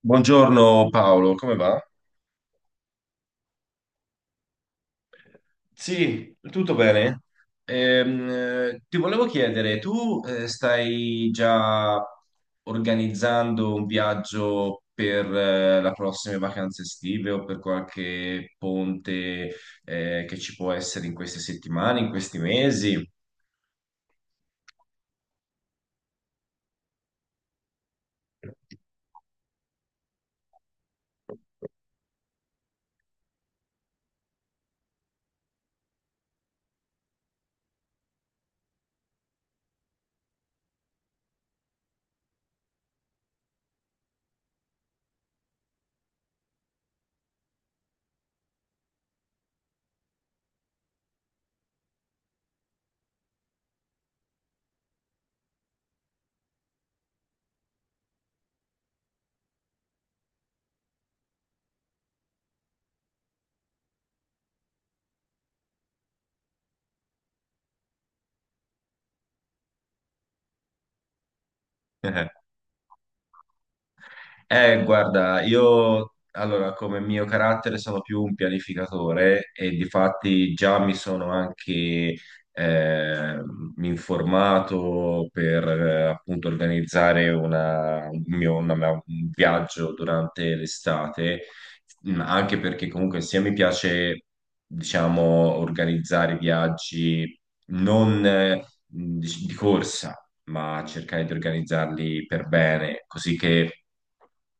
Buongiorno Paolo, come va? Sì, tutto bene? Ehm, Ti volevo chiedere, tu stai già organizzando un viaggio per le prossime vacanze estive o per qualche ponte che ci può essere in queste settimane, in questi mesi? Guarda, io allora come mio carattere sono più un pianificatore e difatti già mi sono anche eh, informato per appunto organizzare una- un mio, una mia- un viaggio durante l'estate, anche perché comunque sia mi piace, diciamo, organizzare viaggi non di corsa ma cercare di organizzarli per bene, così che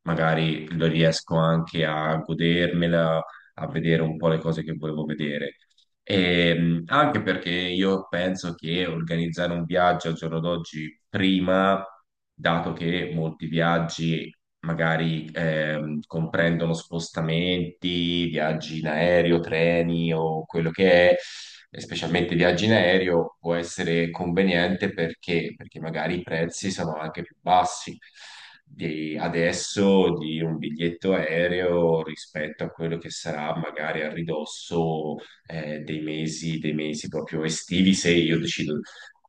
magari lo riesco anche a godermela, a vedere un po' le cose che volevo vedere. E, anche perché io penso che organizzare un viaggio al giorno d'oggi prima, dato che molti viaggi magari comprendono spostamenti, viaggi in aereo, treni o quello che è, e specialmente viaggi in aereo, può essere conveniente perché, perché magari i prezzi sono anche più bassi di adesso di un biglietto aereo rispetto a quello che sarà magari a ridosso dei mesi proprio estivi, se io decido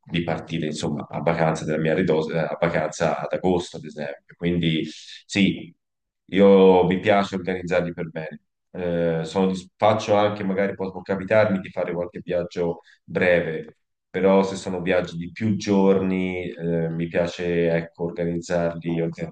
di partire insomma a vacanza della mia ridosa, a vacanza ad agosto, ad esempio. Quindi sì, io mi piace organizzarli per bene. Sono faccio anche, magari può, può capitarmi di fare qualche viaggio breve, però se sono viaggi di più giorni, mi piace ecco, organizzarli. Ok.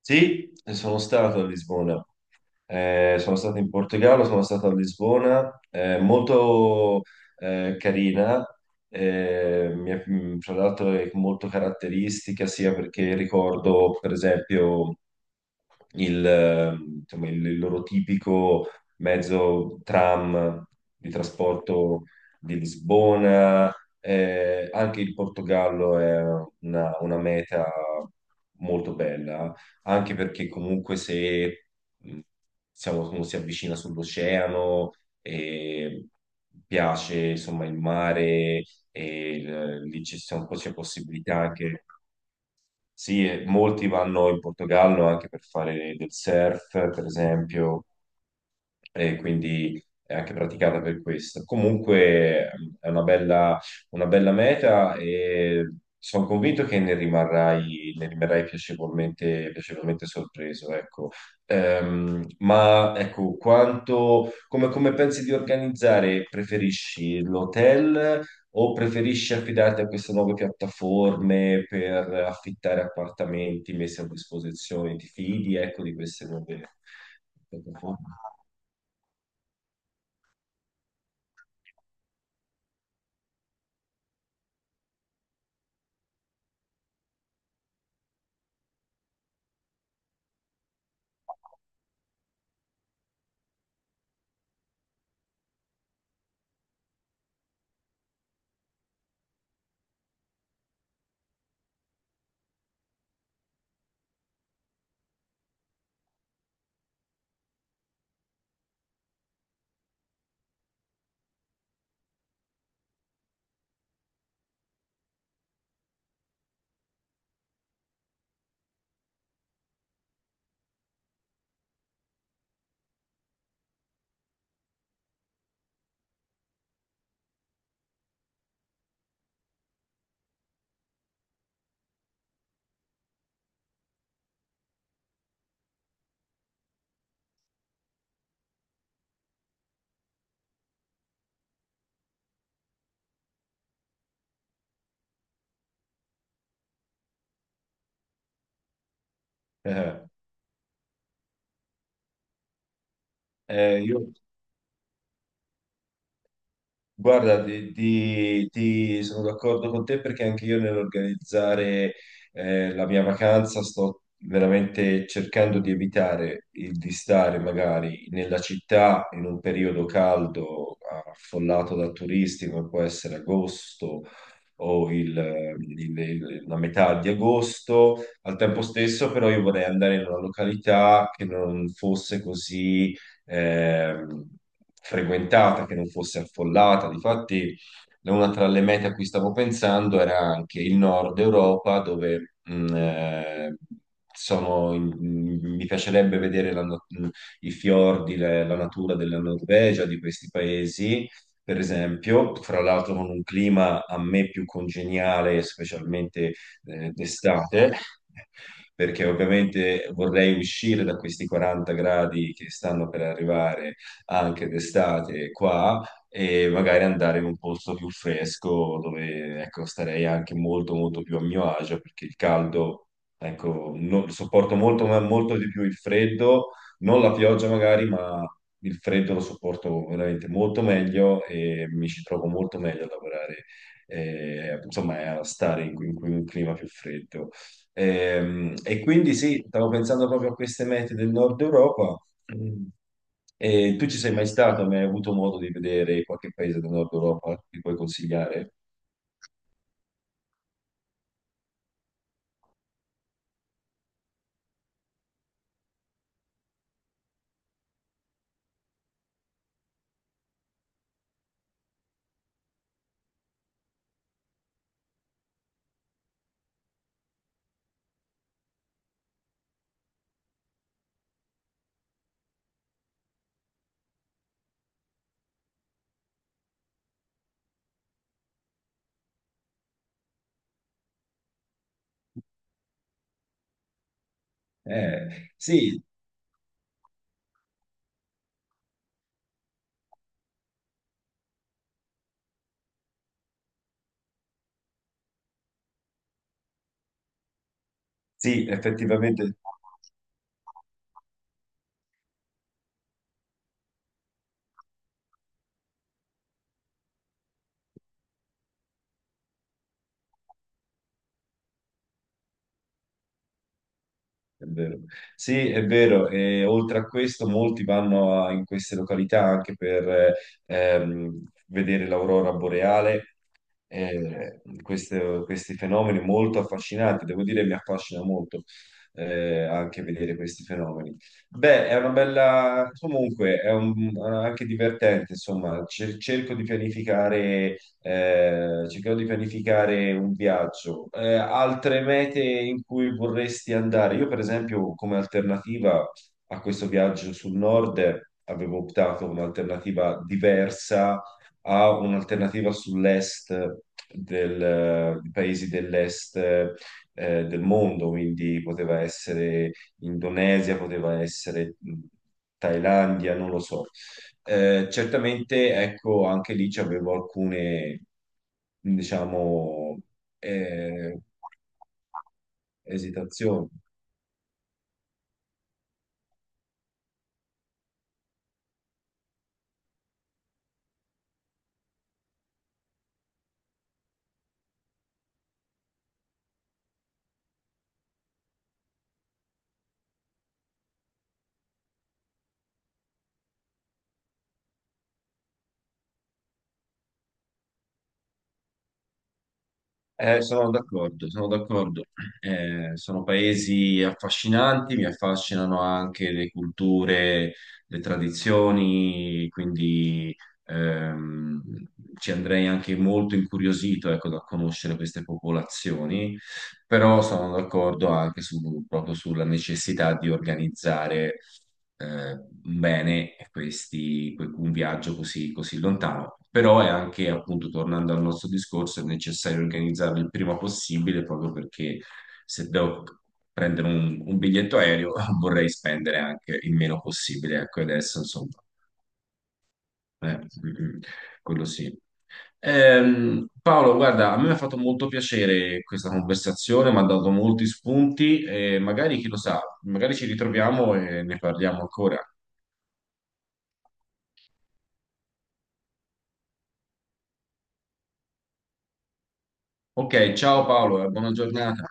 Sì, sono stato a Lisbona. Sono stato in Portogallo, sono stato a Lisbona, molto carina, tra l'altro è molto caratteristica sia perché ricordo per esempio il, eh, insomma, il loro tipico mezzo tram di trasporto di Lisbona. Anche il Portogallo è una meta molto bella, anche perché comunque se mh, diciamo, uno si avvicina sull'oceano e piace insomma il mare e lì c'è un po', c'è possibilità anche. Sì, e molti vanno in Portogallo anche per fare del surf, per esempio, e quindi è anche praticata per questo. Comunque è una bella meta e sono convinto che ne rimarrai piacevolmente, piacevolmente sorpreso, ecco. Ma ecco, quanto, come, come pensi di organizzare? Preferisci l'hotel o preferisci affidarti a queste nuove piattaforme per affittare appartamenti messi a disposizione? Ti fidi, ecco, di queste nuove piattaforme? Eh, eh, io, Guarda, ti sono d'accordo con te perché anche io nell'organizzare la mia vacanza sto veramente cercando di evitare il, di stare magari nella città in un periodo caldo, affollato da turisti, come può essere agosto o la metà di agosto. Al tempo stesso, però, io vorrei andare in una località che non fosse così eh, frequentata, che non fosse affollata. Difatti, una tra le mete a cui stavo pensando era anche il nord Europa, dove mi piacerebbe vedere la no- i fiordi, la natura della Norvegia, di questi paesi, per esempio, fra l'altro con un clima a me più congeniale, specialmente d'estate, perché ovviamente vorrei uscire da questi 40 gradi che stanno per arrivare anche d'estate qua e magari andare in un posto più fresco dove, ecco, starei anche molto, molto più a mio agio perché il caldo, ecco, sopporto molto, molto di più il freddo, non la pioggia magari, ma il freddo lo sopporto veramente molto meglio e mi ci trovo molto meglio a lavorare. Insomma, a stare in un clima più freddo. E, quindi sì, stavo pensando proprio a queste mete del nord Europa. Mm. E tu ci sei mai stato? Ma hai avuto modo di vedere qualche paese del nord Europa che puoi consigliare? Sì, sì, effettivamente è vero. Sì, è vero. E oltre a questo, molti vanno in queste località anche per vedere l'aurora boreale, queste, questi fenomeni molto affascinanti, devo dire mi affascina molto anche vedere questi fenomeni. Beh, è una bella, comunque è anche divertente, insomma. Cerco di pianificare, cercherò di pianificare un viaggio. Altre mete in cui vorresti andare? Io, per esempio, come alternativa a questo viaggio sul nord, avevo optato come alternativa diversa a un'alternativa sull'est di paesi dell'est del mondo, quindi poteva essere Indonesia, poteva essere Thailandia, non lo so. Certamente, ecco, anche lì avevo alcune, diciamo, eh, esitazioni. Sono d'accordo, sono d'accordo. Sono paesi affascinanti, mi affascinano anche le culture, le tradizioni, quindi ehm, ci andrei anche molto incuriosito, ecco, da conoscere queste popolazioni, però sono d'accordo anche proprio sulla necessità di organizzare bene un viaggio così, così lontano. Però è anche, appunto, tornando al nostro discorso, è necessario organizzarlo il prima possibile proprio perché se devo prendere un biglietto aereo vorrei spendere anche il meno possibile. Ecco, adesso insomma, eh, mm, mm, quello sì. Paolo, guarda, a me mi ha fatto molto piacere questa conversazione, mi ha dato molti spunti e magari, chi lo sa, magari ci ritroviamo e ne parliamo ancora. Ok, ciao Paolo, e buona giornata.